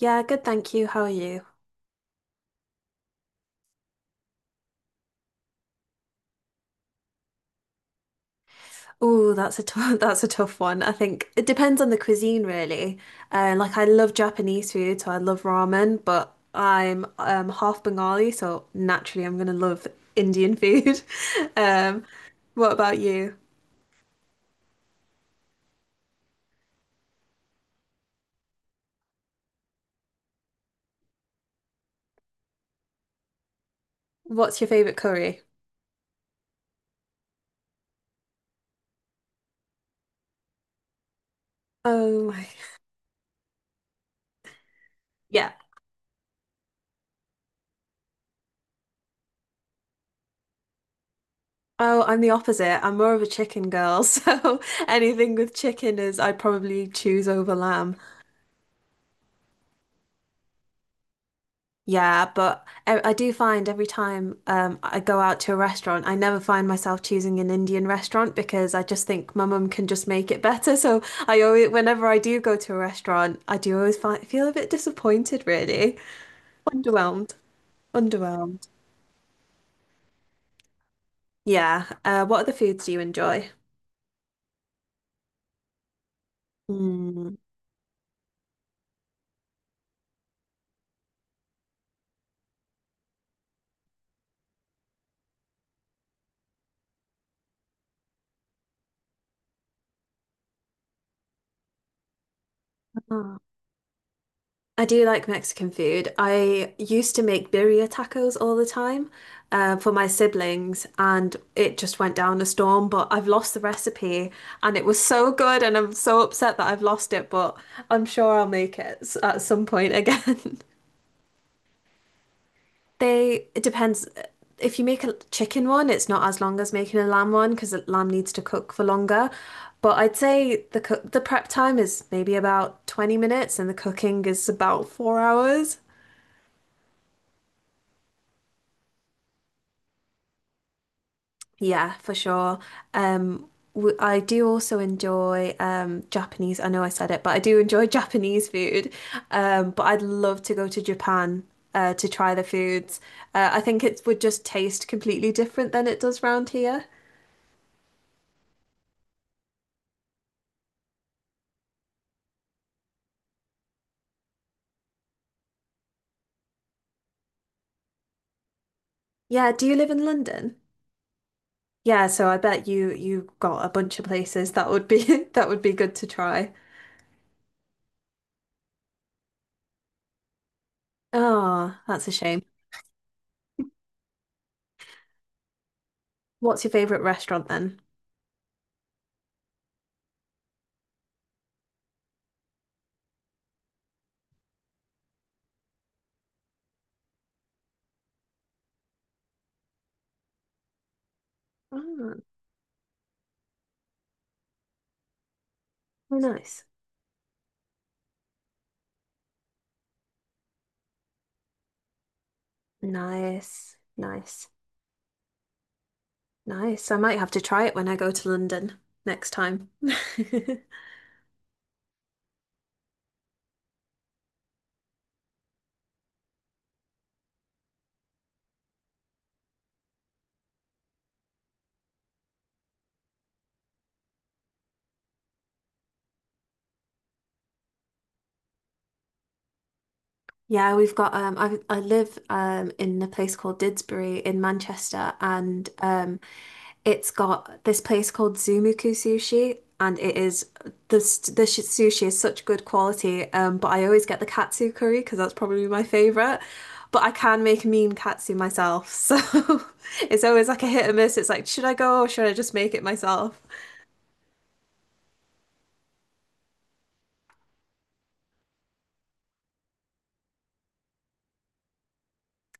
Yeah, good, thank you. How are you? Oh, that's a tough, that's a tough one. I think it depends on the cuisine, really. Like I love Japanese food, so I love ramen, but I'm half Bengali, so naturally I'm gonna love Indian food. Um, what about you? What's your favorite curry? Oh my, yeah. Oh, I'm the opposite. I'm more of a chicken girl, so anything with chicken is I'd probably choose over lamb. Yeah, but I do find every time I go out to a restaurant, I never find myself choosing an Indian restaurant because I just think my mum can just make it better. So I always, whenever I do go to a restaurant, I do always feel a bit disappointed, really. Underwhelmed. Underwhelmed. Yeah. What other foods do you enjoy? Mm. I do like Mexican food. I used to make birria tacos all the time for my siblings, and it just went down a storm. But I've lost the recipe, and it was so good, and I'm so upset that I've lost it. But I'm sure I'll make it at some point again. It depends. If you make a chicken one, it's not as long as making a lamb one because the lamb needs to cook for longer. But I'd say the prep time is maybe about 20 minutes, and the cooking is about 4 hours. Yeah, for sure. I do also enjoy Japanese. I know I said it, but I do enjoy Japanese food. But I'd love to go to Japan to try the foods. I think it would just taste completely different than it does round here. Yeah, do you live in London? Yeah, so I bet you you got a bunch of places that would be that would be good to try. Oh, that's a shame. What's your favorite restaurant then? Oh, nice. Nice. Nice. Nice. I might have to try it when I go to London next time. Yeah, we've got um, I live in a place called Didsbury in Manchester, and um, it's got this place called Zumuku Sushi, and it is the sushi is such good quality, um, but I always get the katsu curry because that's probably my favorite, but I can make mean katsu myself, so it's always like a hit or miss. It's like, should I go or should I just make it myself?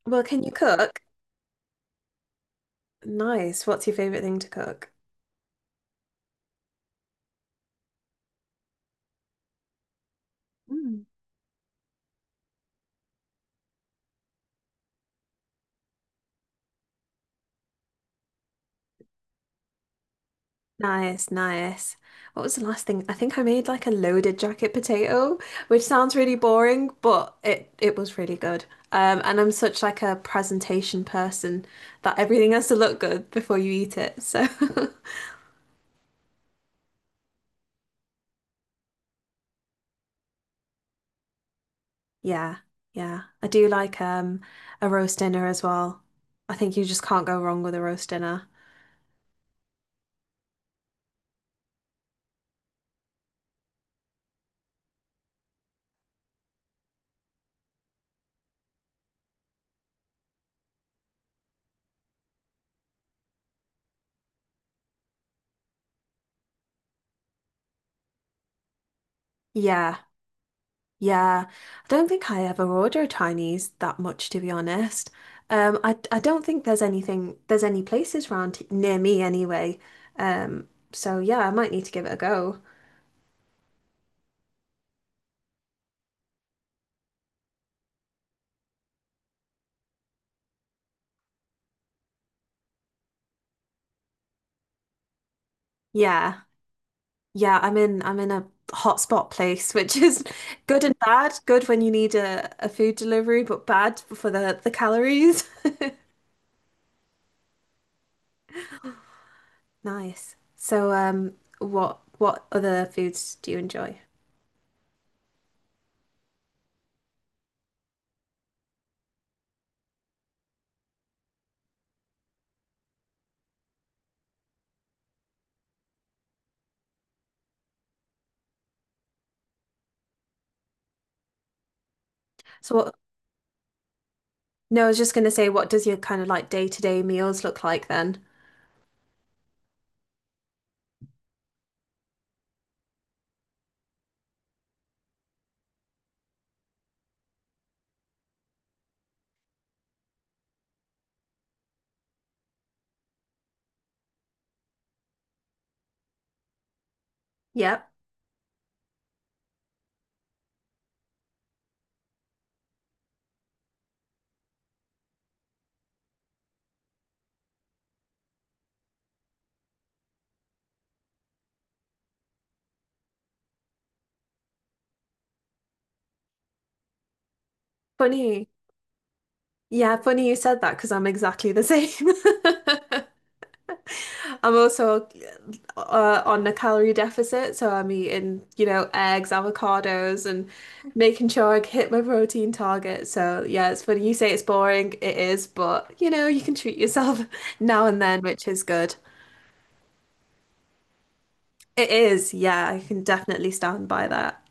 Well, can you cook? Nice. What's your favorite thing to cook? Nice, nice. What was the last thing? I think I made like a loaded jacket potato, which sounds really boring, but it was really good. And I'm such like a presentation person that everything has to look good before you eat it. So yeah, yeah. I do like um, a roast dinner as well. I think you just can't go wrong with a roast dinner. Yeah. Yeah, I don't think I ever order Chinese that much, to be honest. I don't think there's any places near me anyway. So yeah, I might need to give it a go. Yeah, yeah, I'm in a hotspot place, which is good and bad. Good when you need a food delivery, but bad for the calories. Nice. So what other foods do you enjoy? So what? No, I was just gonna say, what does your kind of like day-to-day meals look like then? Yep. Funny. Yeah, funny you said that because I'm exactly the same. I'm also on a calorie deficit, so I'm eating, you know, eggs, avocados, and making sure I hit my protein target. So yeah, it's funny you say it's boring. It is, but you know, you can treat yourself now and then, which is good. It is. Yeah, I can definitely stand by that.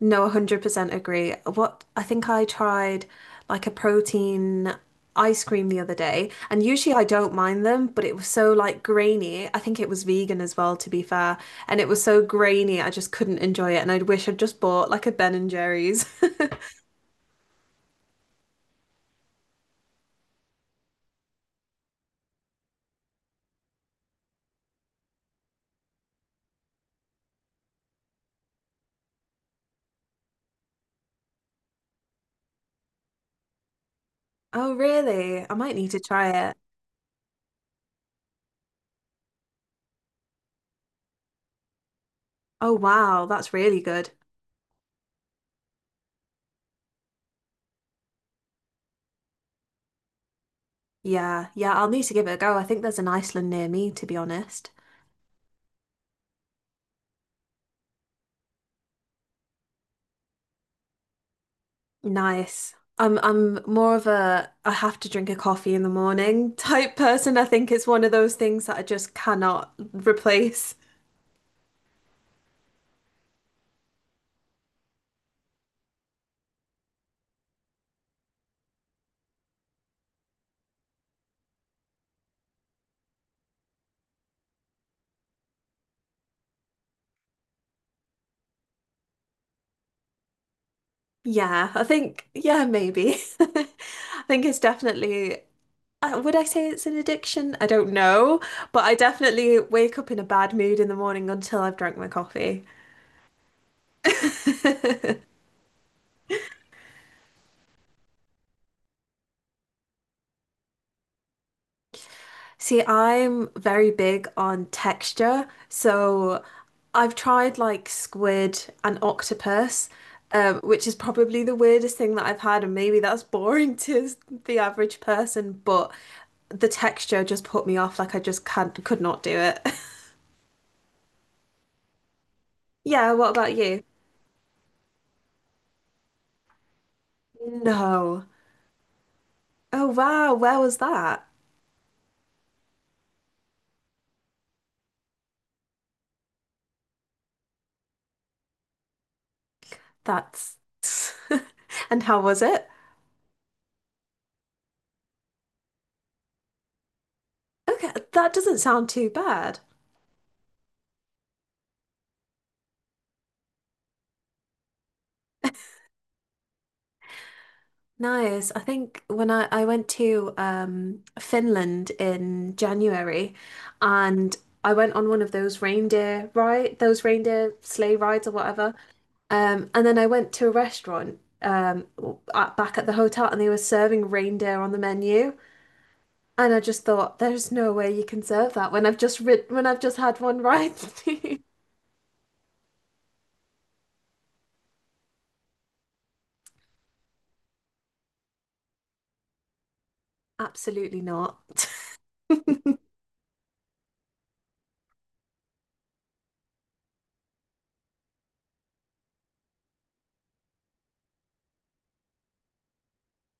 No, 100% agree. What I think I tried like a protein ice cream the other day, and usually I don't mind them, but it was so like grainy. I think it was vegan as well, to be fair, and it was so grainy, I just couldn't enjoy it, and I'd wish I'd just bought like a Ben and Jerry's. Oh, really? I might need to try it. Oh, wow, that's really good. Yeah, yeah, I'll need to give it a go. I think there's an Iceland near me, to be honest. Nice. I'm more of a I have to drink a coffee in the morning type person. I think it's one of those things that I just cannot replace. Yeah, I think yeah, maybe. I think it's definitely would I say it's an addiction? I don't know, but I definitely wake up in a bad mood in the morning until I've drank my coffee. See, I'm very big on texture, so I've tried like squid and octopus, which is probably the weirdest thing that I've had, and maybe that's boring to the average person, but the texture just put me off, like I just can't could not do it. Yeah, what about you? No. Oh wow, where was that? That's and how was it? Okay, that doesn't sound too bad. Nice. I think when I went to Finland in January and I went on one of those those reindeer sleigh rides or whatever. And then I went to a restaurant back at the hotel, and they were serving reindeer on the menu. And I just thought, there's no way you can serve that when I've just rid when I've just had one ride. Absolutely not.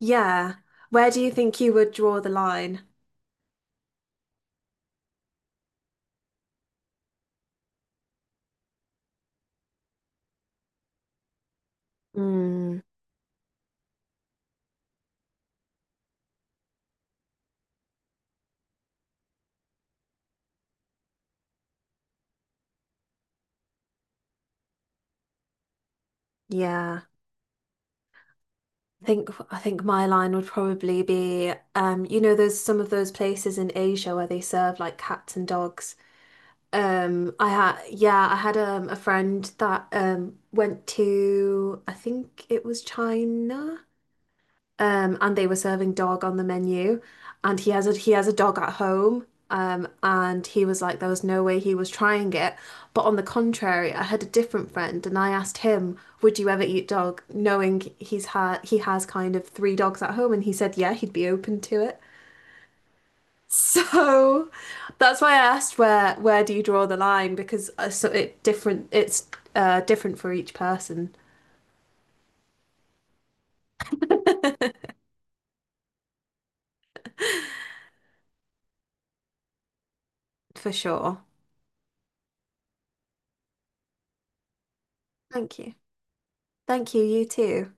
Yeah. Where do you think you would draw the line? Mm, yeah. I think my line would probably be you know, there's some of those places in Asia where they serve like cats and dogs. I had a friend that um, went to I think it was China and they were serving dog on the menu, and he has a dog at home, and he was like, there was no way he was trying it. But on the contrary, I had a different friend, and I asked him, "Would you ever eat dog?" Knowing he has kind of three dogs at home, and he said, "Yeah, he'd be open to it." So that's why I asked where do you draw the line, because so it different it's uh, different for each person, for sure. Thank you. Thank you, you too.